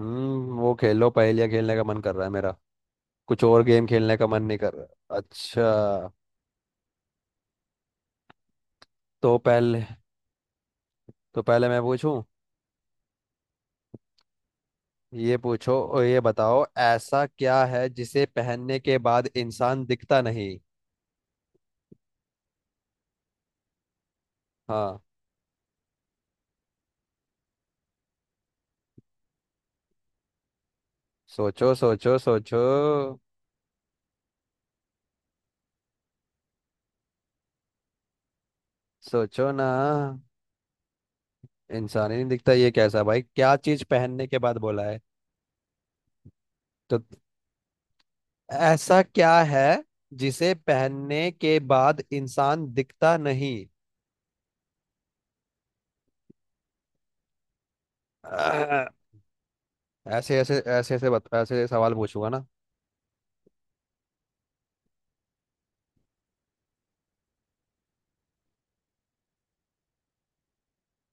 हम्म, वो खेल लो। पहेलियाँ खेलने का मन कर रहा है मेरा। कुछ और गेम खेलने का मन नहीं कर रहा। अच्छा, तो पहले, तो पहले मैं पूछूं। ये पूछो और ये बताओ, ऐसा क्या है जिसे पहनने के बाद इंसान दिखता नहीं। हाँ। सोचो सोचो सोचो। सोचो ना। इंसान ही नहीं दिखता, ये कैसा भाई, क्या चीज पहनने के बाद बोला है। तो ऐसा क्या है जिसे पहनने के बाद इंसान दिखता। नहीं। ऐसे ऐसे ऐसे ऐसे ऐसे सवाल पूछूंगा ना।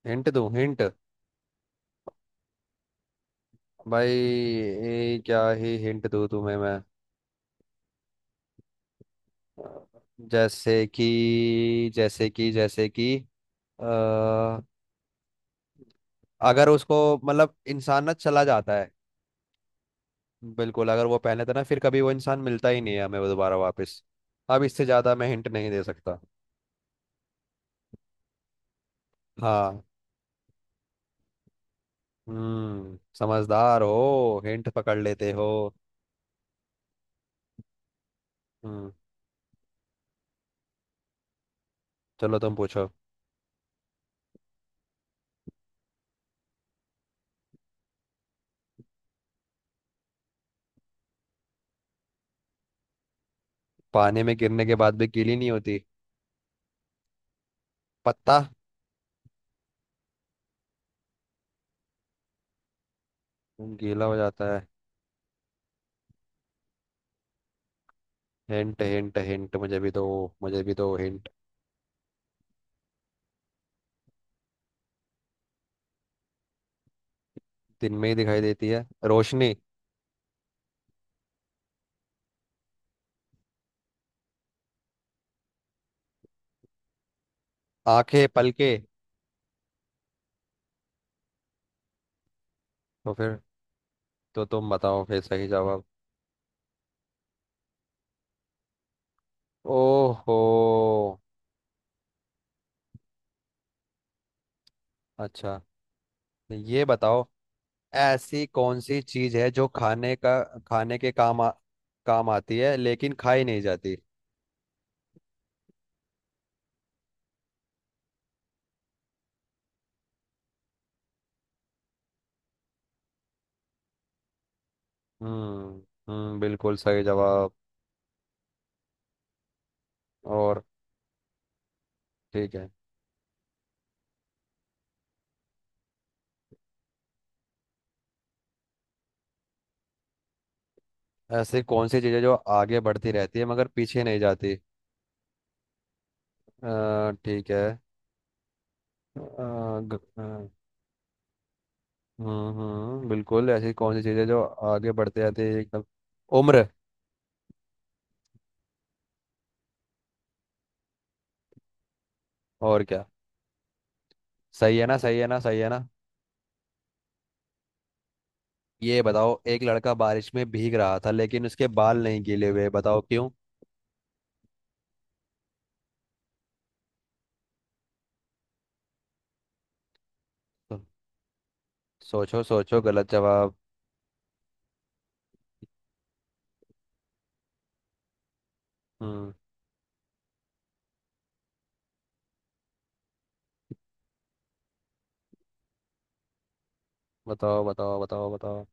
हिंट दूं हिंट। भाई ये क्या ही हिंट दूं तुम्हें मैं। जैसे कि अ, अगर उसको, मतलब इंसान ना चला जाता है। बिल्कुल, अगर वो पहने तो ना फिर कभी वो इंसान मिलता ही नहीं है हमें, वो दोबारा वापस। अब इससे ज्यादा मैं हिंट नहीं दे सकता। हाँ। हम्म, समझदार हो, हिंट पकड़ लेते हो। हम्म, चलो तुम पूछो। पानी में गिरने के बाद भी गीली नहीं होती। पत्ता। खून गीला हो जाता है। हिंट हिंट हिंट मुझे भी दो। मुझे भी दो हिंट। दिन में ही दिखाई देती है रोशनी। आंखें, पलके। तो फिर, तो तुम बताओ फिर सही जवाब। ओहो। अच्छा, ये बताओ, ऐसी कौन सी चीज है जो खाने के काम आती है लेकिन खाई नहीं जाती। हम्म। हम्म, बिल्कुल सही जवाब। और ठीक है। ऐसी कौन सी चीज है जो आगे बढ़ती रहती है मगर पीछे नहीं जाती। ठीक है। आ, ग- आ, हम्म, बिल्कुल। ऐसी कौन सी चीज़ है जो आगे बढ़ते जाते एकदम। उम्र। और क्या। सही है ना, सही है ना, सही है ना। ये बताओ, एक लड़का बारिश में भीग रहा था लेकिन उसके बाल नहीं गीले हुए, बताओ क्यों। तो सोचो सोचो, गलत जवाब। हम्म। बताओ बताओ बताओ बताओ।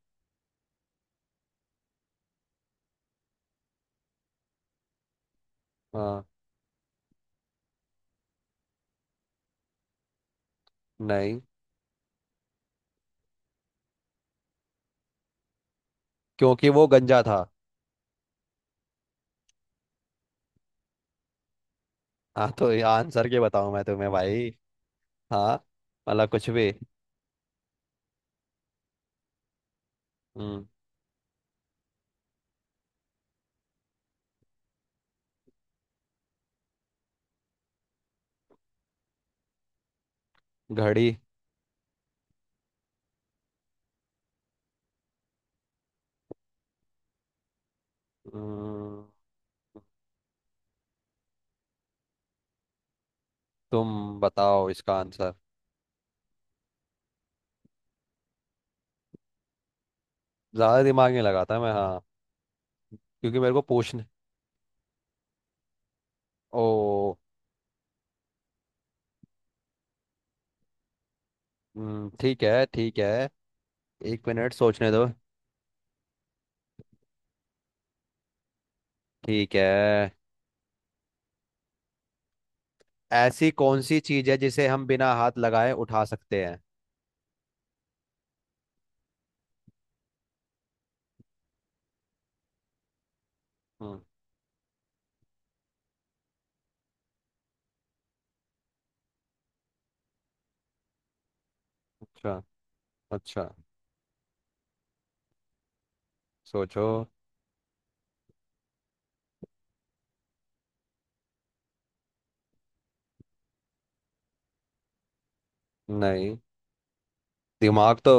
हाँ। नहीं, क्योंकि वो गंजा था। हाँ, तो ये आंसर के बताऊं मैं तुम्हें भाई। हाँ। मतलब कुछ भी। हम्म। घड़ी। हम्म, तुम बताओ इसका आंसर। ज्यादा दिमाग नहीं लगाता मैं, हाँ, क्योंकि मेरे को पूछने। ओ। ठीक है ठीक है। एक मिनट सोचने दो। ठीक है। ऐसी कौन सी चीज है जिसे हम बिना हाथ लगाए उठा सकते हैं। हम्म। अच्छा। अच्छा, सोचो। नहीं। दिमाग तो,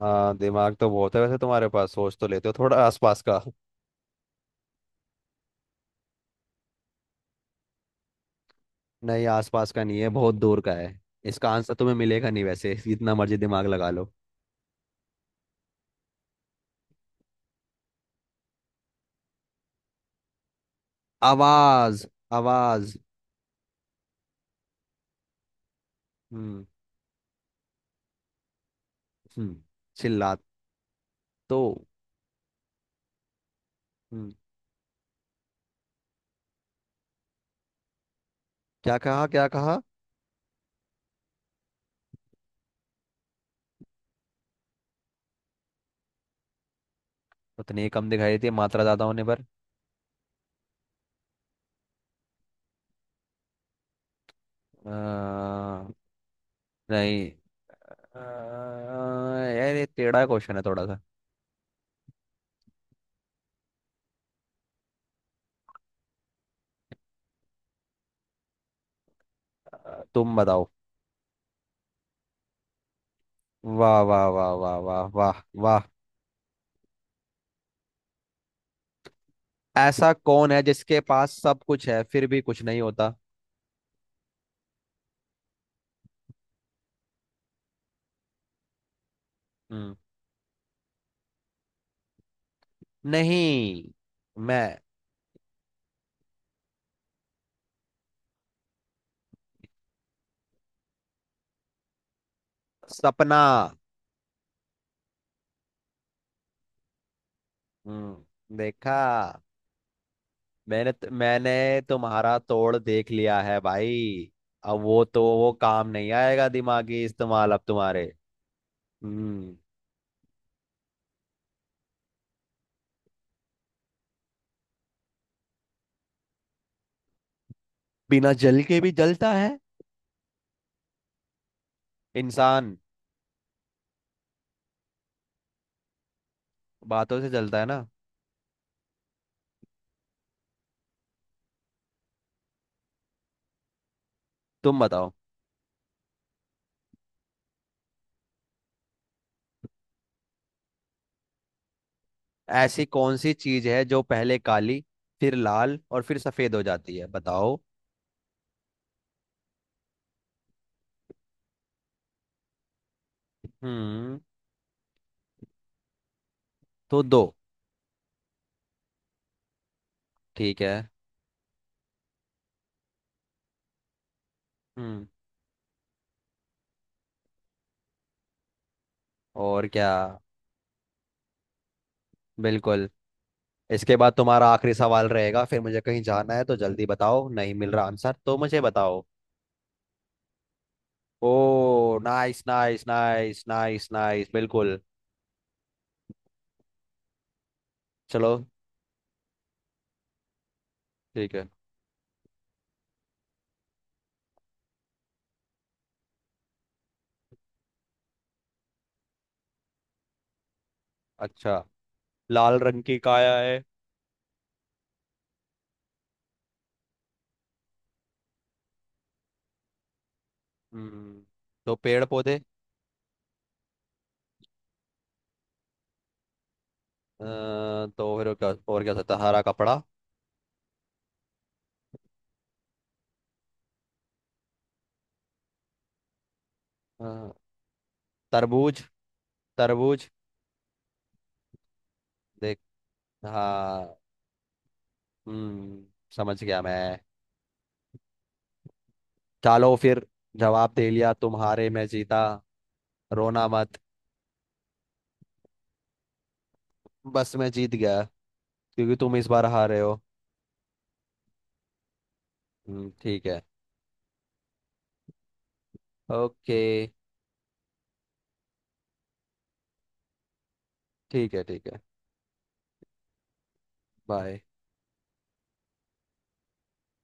हाँ, दिमाग तो बहुत है वैसे तुम्हारे पास, सोच तो लेते हो थोड़ा आसपास का। नहीं, आसपास का नहीं है, बहुत दूर का है। इसका आंसर तुम्हें मिलेगा नहीं वैसे, जितना मर्जी दिमाग लगा लो। आवाज। आवाज। हम्म। हम्म। चिल्ला। तो। हम्म, क्या कहा क्या कहा। उतनी कम दिखाई देती है मात्रा ज्यादा होने पर। अ, नहीं। अ, यार ये टेढ़ा क्वेश्चन है थोड़ा सा। तुम बताओ। वाह वाह वाह वाह वाह वाह वाह। ऐसा कौन है जिसके पास सब कुछ है फिर भी कुछ नहीं होता। हम्म। नहीं। मैं। सपना। हम्म, देखा। मैंने मैंने तुम्हारा तोड़ देख लिया है भाई। अब वो तो, वो काम नहीं आएगा दिमागी इस्तेमाल अब तुम्हारे। हम्म। बिना जल के भी जलता है। इंसान, बातों से जलता है ना। तुम बताओ। ऐसी कौन सी चीज है जो पहले काली फिर लाल और फिर सफेद हो जाती है, बताओ। हम्म। तो दो। ठीक है। हम्म। और क्या। बिल्कुल। इसके बाद तुम्हारा आखिरी सवाल रहेगा, फिर मुझे कहीं जाना है, तो जल्दी बताओ, नहीं मिल रहा आंसर तो मुझे बताओ। ओ, nice nice nice nice nice, बिल्कुल। चलो ठीक है। अच्छा, लाल रंग की काया है। हम्म, तो पेड़ पौधे। तो फिर और क्या हो सकता है? हरा कपड़ा। अ, तरबूज। तरबूज। देख, हाँ, हम्म, समझ गया मैं। चलो फिर, जवाब दे लिया तुम्हारे, मैं जीता, रोना मत। बस मैं जीत गया, क्योंकि तुम इस बार हारे हो। ठीक है। ओके, ठीक है ठीक है। बाय।